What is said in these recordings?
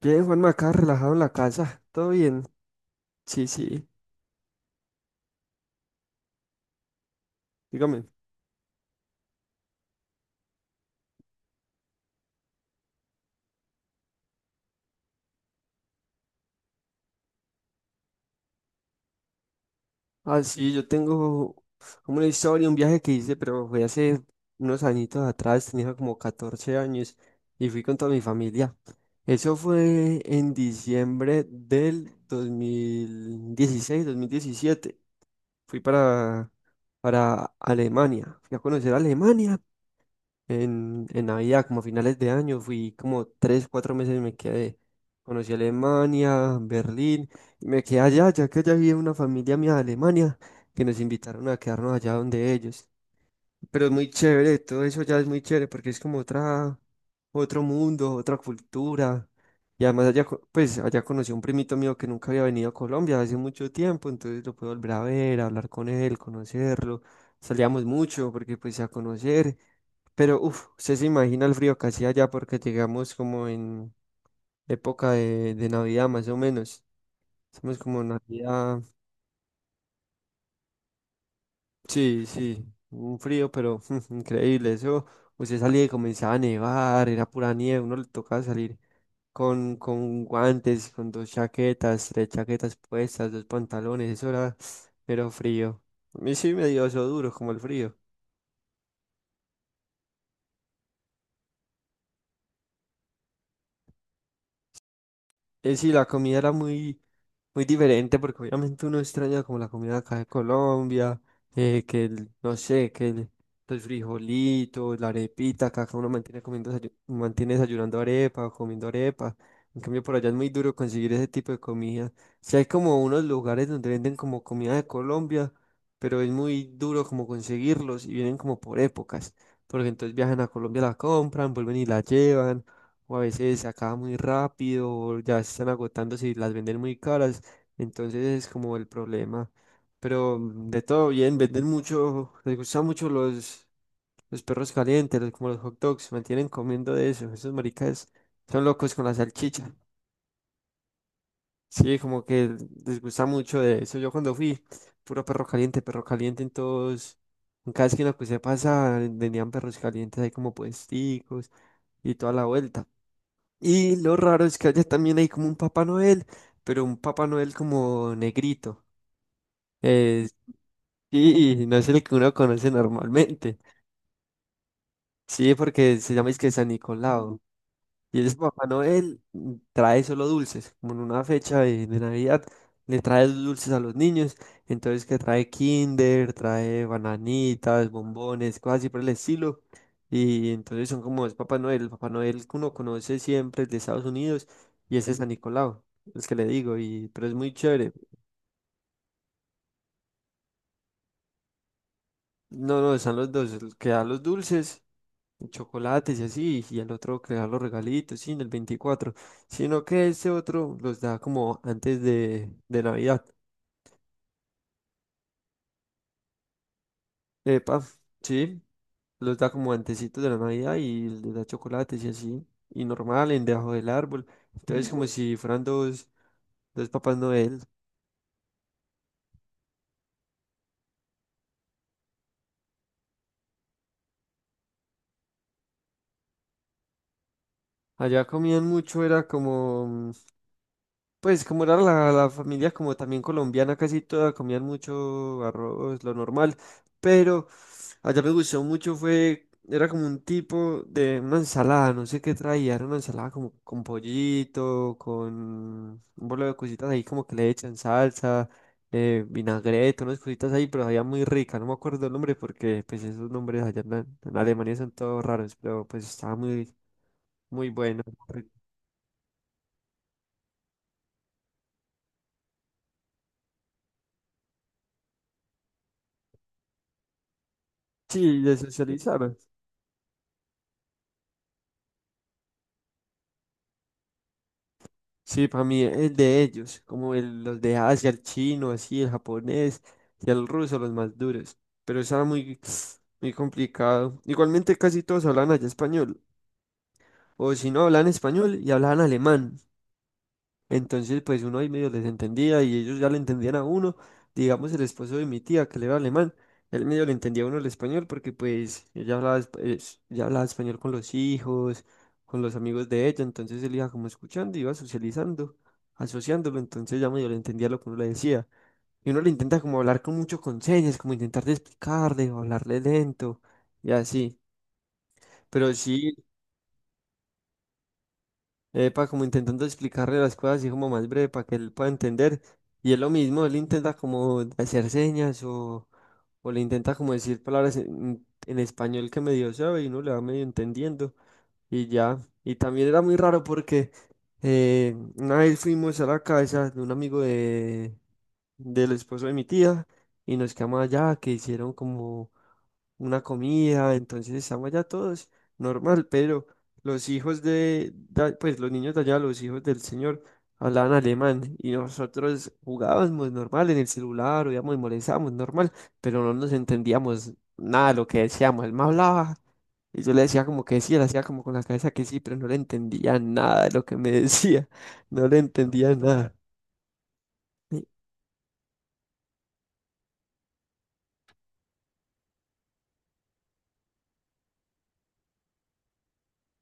Bien, Juanma, acá relajado en la casa. ¿Todo bien? Sí, sí. Dígame. Ah, sí, yo tengo como una historia, un viaje que hice, pero fue hace unos añitos atrás, tenía como 14 años y fui con toda mi familia. Eso fue en diciembre del 2016, 2017. Fui para Alemania. Fui a conocer Alemania. En Navidad, como a finales de año, fui como 3, 4 meses y me quedé. Conocí Alemania, Berlín, y me quedé allá, ya que allá había una familia mía de Alemania, que nos invitaron a quedarnos allá donde ellos. Pero es muy chévere, todo eso ya es muy chévere, porque es como otra, otro mundo, otra cultura. Y además allá, pues allá conocí a un primito mío que nunca había venido a Colombia hace mucho tiempo, entonces lo pude volver a ver, hablar con él, conocerlo. Salíamos mucho porque pues a conocer. Pero, uff, usted se imagina el frío que hacía allá porque llegamos como en época de Navidad, más o menos. Estamos como Navidad. Sí, sí, un frío, pero increíble. Eso, usted salía y comenzaba a nevar, era pura nieve. Uno le tocaba salir con guantes, con dos chaquetas, tres chaquetas puestas, dos pantalones. Eso era, pero frío. A mí sí me dio eso duro, como el frío. Sí, la comida era muy, muy diferente porque obviamente uno extraña como la comida acá de Colombia, que el, no sé, que el frijolito, la arepita, acá que uno mantiene comiendo, mantiene desayunando arepa o comiendo arepa. En cambio, por allá es muy duro conseguir ese tipo de comida. Si hay como unos lugares donde venden como comida de Colombia, pero es muy duro como conseguirlos y vienen como por épocas, porque entonces viajan a Colombia, la compran, vuelven y la llevan o a veces se acaba muy rápido, o ya se están agotando si las venden muy caras, entonces es como el problema. Pero de todo bien, venden mucho, les gustan mucho los perros calientes, como los hot dogs, se mantienen comiendo de eso, esos maricas son locos con la salchicha. Sí, como que les gusta mucho de eso. Yo cuando fui, puro perro caliente en todos, en cada esquina que se pasa, vendían perros calientes ahí como puesticos y toda la vuelta. Y lo raro es que allá también hay como un Papá Noel, pero un Papá Noel como negrito. Eh, sí, no es el que uno conoce normalmente. Sí, porque se llama es que San Nicolau. Y el Papá Noel trae solo dulces, como en una fecha de Navidad, le trae dulces a los niños, entonces que trae Kinder, trae bananitas, bombones, cosas así por el estilo. Y entonces son como es Papá Noel, el Papá Noel que uno conoce siempre, el de Estados Unidos, y ese es San Nicolau, el que le digo, y, pero es muy chévere. No, no, están los dos, el que da los dulces, chocolates y así, y el otro crear los regalitos, sí, en el 24, sino que ese otro los da como antes de Navidad. Epa, sí, los da como antecitos de la Navidad y les da chocolates y así, y normal, en debajo del árbol. Entonces, como si fueran dos, dos papás Noel. Allá comían mucho, era como, pues como era la familia como también colombiana, casi toda, comían mucho arroz, lo normal, pero allá me gustó mucho, fue, era como un tipo de una ensalada, no sé qué traía, era una ensalada como con pollito, con un bolo de cositas ahí como que le echan salsa, vinagreta, unas cositas ahí, pero sabía muy rica, no me acuerdo el nombre porque pues esos nombres allá en Alemania son todos raros, pero pues estaba muy, muy bueno. Sí, de socializar. Sí, para mí es de ellos, como los de Asia, el chino, así, el japonés y el ruso, los más duros. Pero está muy, muy complicado. Igualmente casi todos hablan allá español, o si no hablan español y hablan alemán. Entonces, pues uno ahí medio les entendía y ellos ya le entendían a uno. Digamos, el esposo de mi tía, que le era alemán, él medio le entendía a uno el español porque pues ella hablaba, ella hablaba español con los hijos, con los amigos de ella. Entonces él iba como escuchando, iba socializando, asociándolo. Entonces ya medio le entendía lo que uno le decía. Y uno le intenta como hablar con mucho con señas, como intentar de explicarle o hablarle lento y así. Pero sí. Epa, como intentando explicarle las cosas así como más breve para que él pueda entender. Y es lo mismo, él intenta como hacer señas o le intenta como decir palabras en español que medio sabe y uno le va medio entendiendo y ya. Y también era muy raro porque una vez fuimos a la casa de un amigo de, del esposo de mi tía y nos quedamos allá, que hicieron como una comida, entonces estamos allá todos normal, pero los hijos pues los niños de allá, los hijos del señor, hablaban alemán y nosotros jugábamos normal en el celular, oíamos y molestábamos normal, pero no nos entendíamos nada de lo que decíamos, él me hablaba. Y yo le decía como que sí, él hacía como con la cabeza que sí, pero no le entendía nada de lo que me decía, no le entendía nada.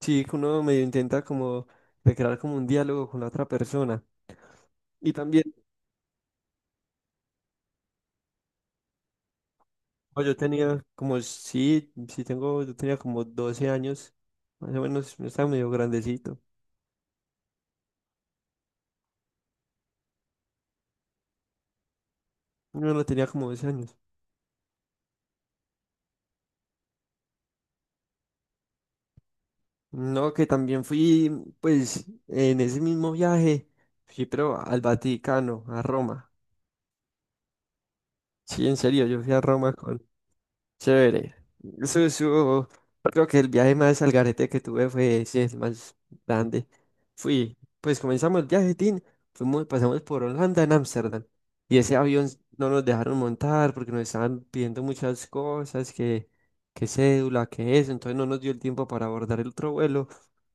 Sí, que uno medio intenta como de crear como un diálogo con la otra persona. Y también, pues, yo tenía como, sí, sí yo tenía como 12 años, más o menos, yo estaba medio grandecito. Yo no tenía como 12 años. No, que también fui, pues, en ese mismo viaje, fui, pero al Vaticano, a Roma. Sí, en serio, yo fui a Roma con, chévere. Eso, creo que el viaje más al garete que tuve fue, sí, el más grande. Fui, pues comenzamos el viaje, tin, fuimos, pasamos por Holanda en Ámsterdam. Y ese avión no nos dejaron montar porque nos estaban pidiendo muchas cosas, que cédula, que eso. Entonces no nos dio el tiempo para abordar el otro vuelo.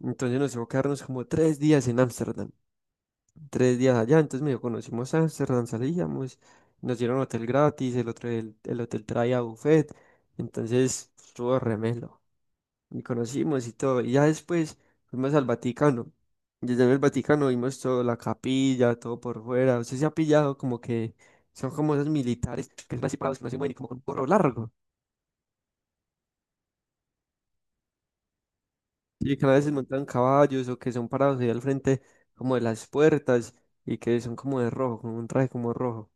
Entonces nos tocó quedarnos como 3 días en Ámsterdam, 3 días allá, entonces medio conocimos Ámsterdam, salíamos, nos dieron hotel gratis, el otro el hotel traía buffet, entonces estuvo remelo, y conocimos y todo, y ya después fuimos al Vaticano, desde el Vaticano vimos toda la capilla, todo por fuera, usted se ha pillado como que son como esos militares que son así parados, que no se mueven y como con un gorro largo, y que a veces montan caballos o que son parados ahí al frente como de las puertas y que son como de rojo, con un traje como rojo.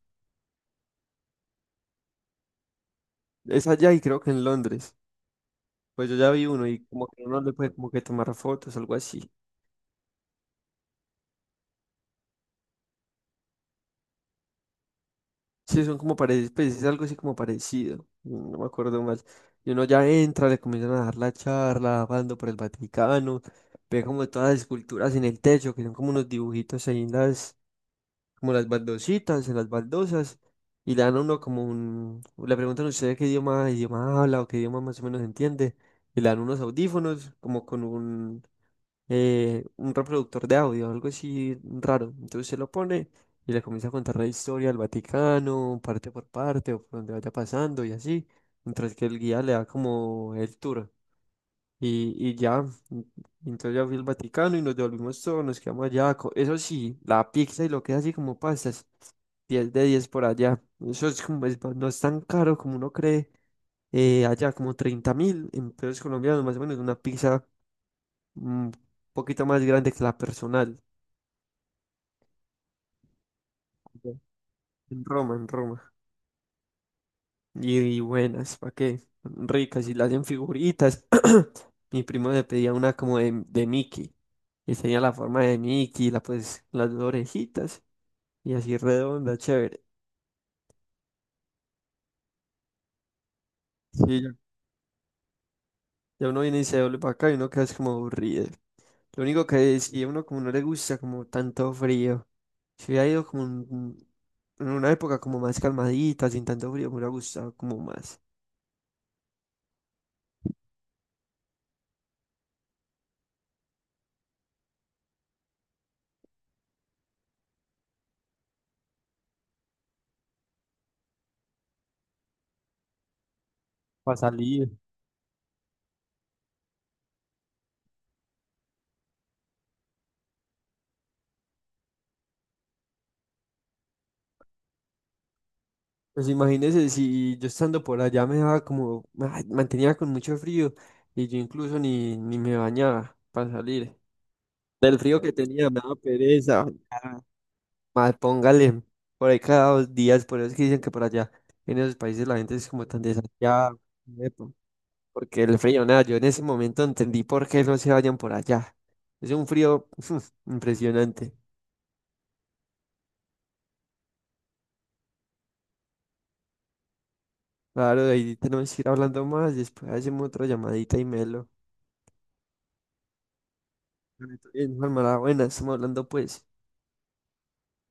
Es allá y creo que en Londres. Pues yo ya vi uno y como que uno le puede como que tomar fotos, algo así. Sí, son como parecidos, pues es algo así como parecido. No me acuerdo más. Y uno ya entra, le comienzan a dar la charla, hablando por el Vaticano, ve como todas las esculturas en el techo, que son como unos dibujitos ahí en las, como las baldositas, en las baldosas, y le dan a uno como un, le preguntan a usted qué idioma, idioma habla o qué idioma más o menos entiende, y le dan unos audífonos, como con un reproductor de audio, algo así raro. Entonces se lo pone y le comienza a contar la historia del Vaticano, parte por parte, o por donde vaya pasando y así, mientras que el guía le da como el tour. Y ya, y entonces ya fui al Vaticano y nos devolvimos todos, nos quedamos allá. Eso sí, la pizza y lo que es así como pastas, 10 de 10 por allá. Eso es como, no es tan caro como uno cree. Allá como 30.000 en pesos colombianos, más o menos una pizza, un poquito más grande que la personal. En Roma, en Roma. Y buenas, ¿para qué? Ricas y las hacen figuritas. Mi primo le pedía una como de Mickey. Y tenía la forma de Mickey, la, pues, las dos orejitas. Y así redonda, chévere. Sí, ya, ya uno viene y se doble para acá y uno queda es como aburrido. Lo único que es, y a uno como no le gusta como tanto frío. Si hubiera ido como en una época como más calmadita, sin tanto frío, me hubiera gustado como más. Para salir. Pues imagínese si yo estando por allá me daba como, ay, mantenía con mucho frío y yo incluso ni me bañaba para salir. Del frío que tenía me daba pereza bañarme. Más póngale, por ahí cada 2 días, por eso es que dicen que por allá en esos países la gente es como tan desafiada, porque el frío, nada, yo en ese momento entendí por qué no se vayan por allá. Es un frío impresionante. Claro, de ahí tenemos que ir hablando más, después hacemos otra llamadita y melo. Bien, Juanma, la buena, estamos hablando pues.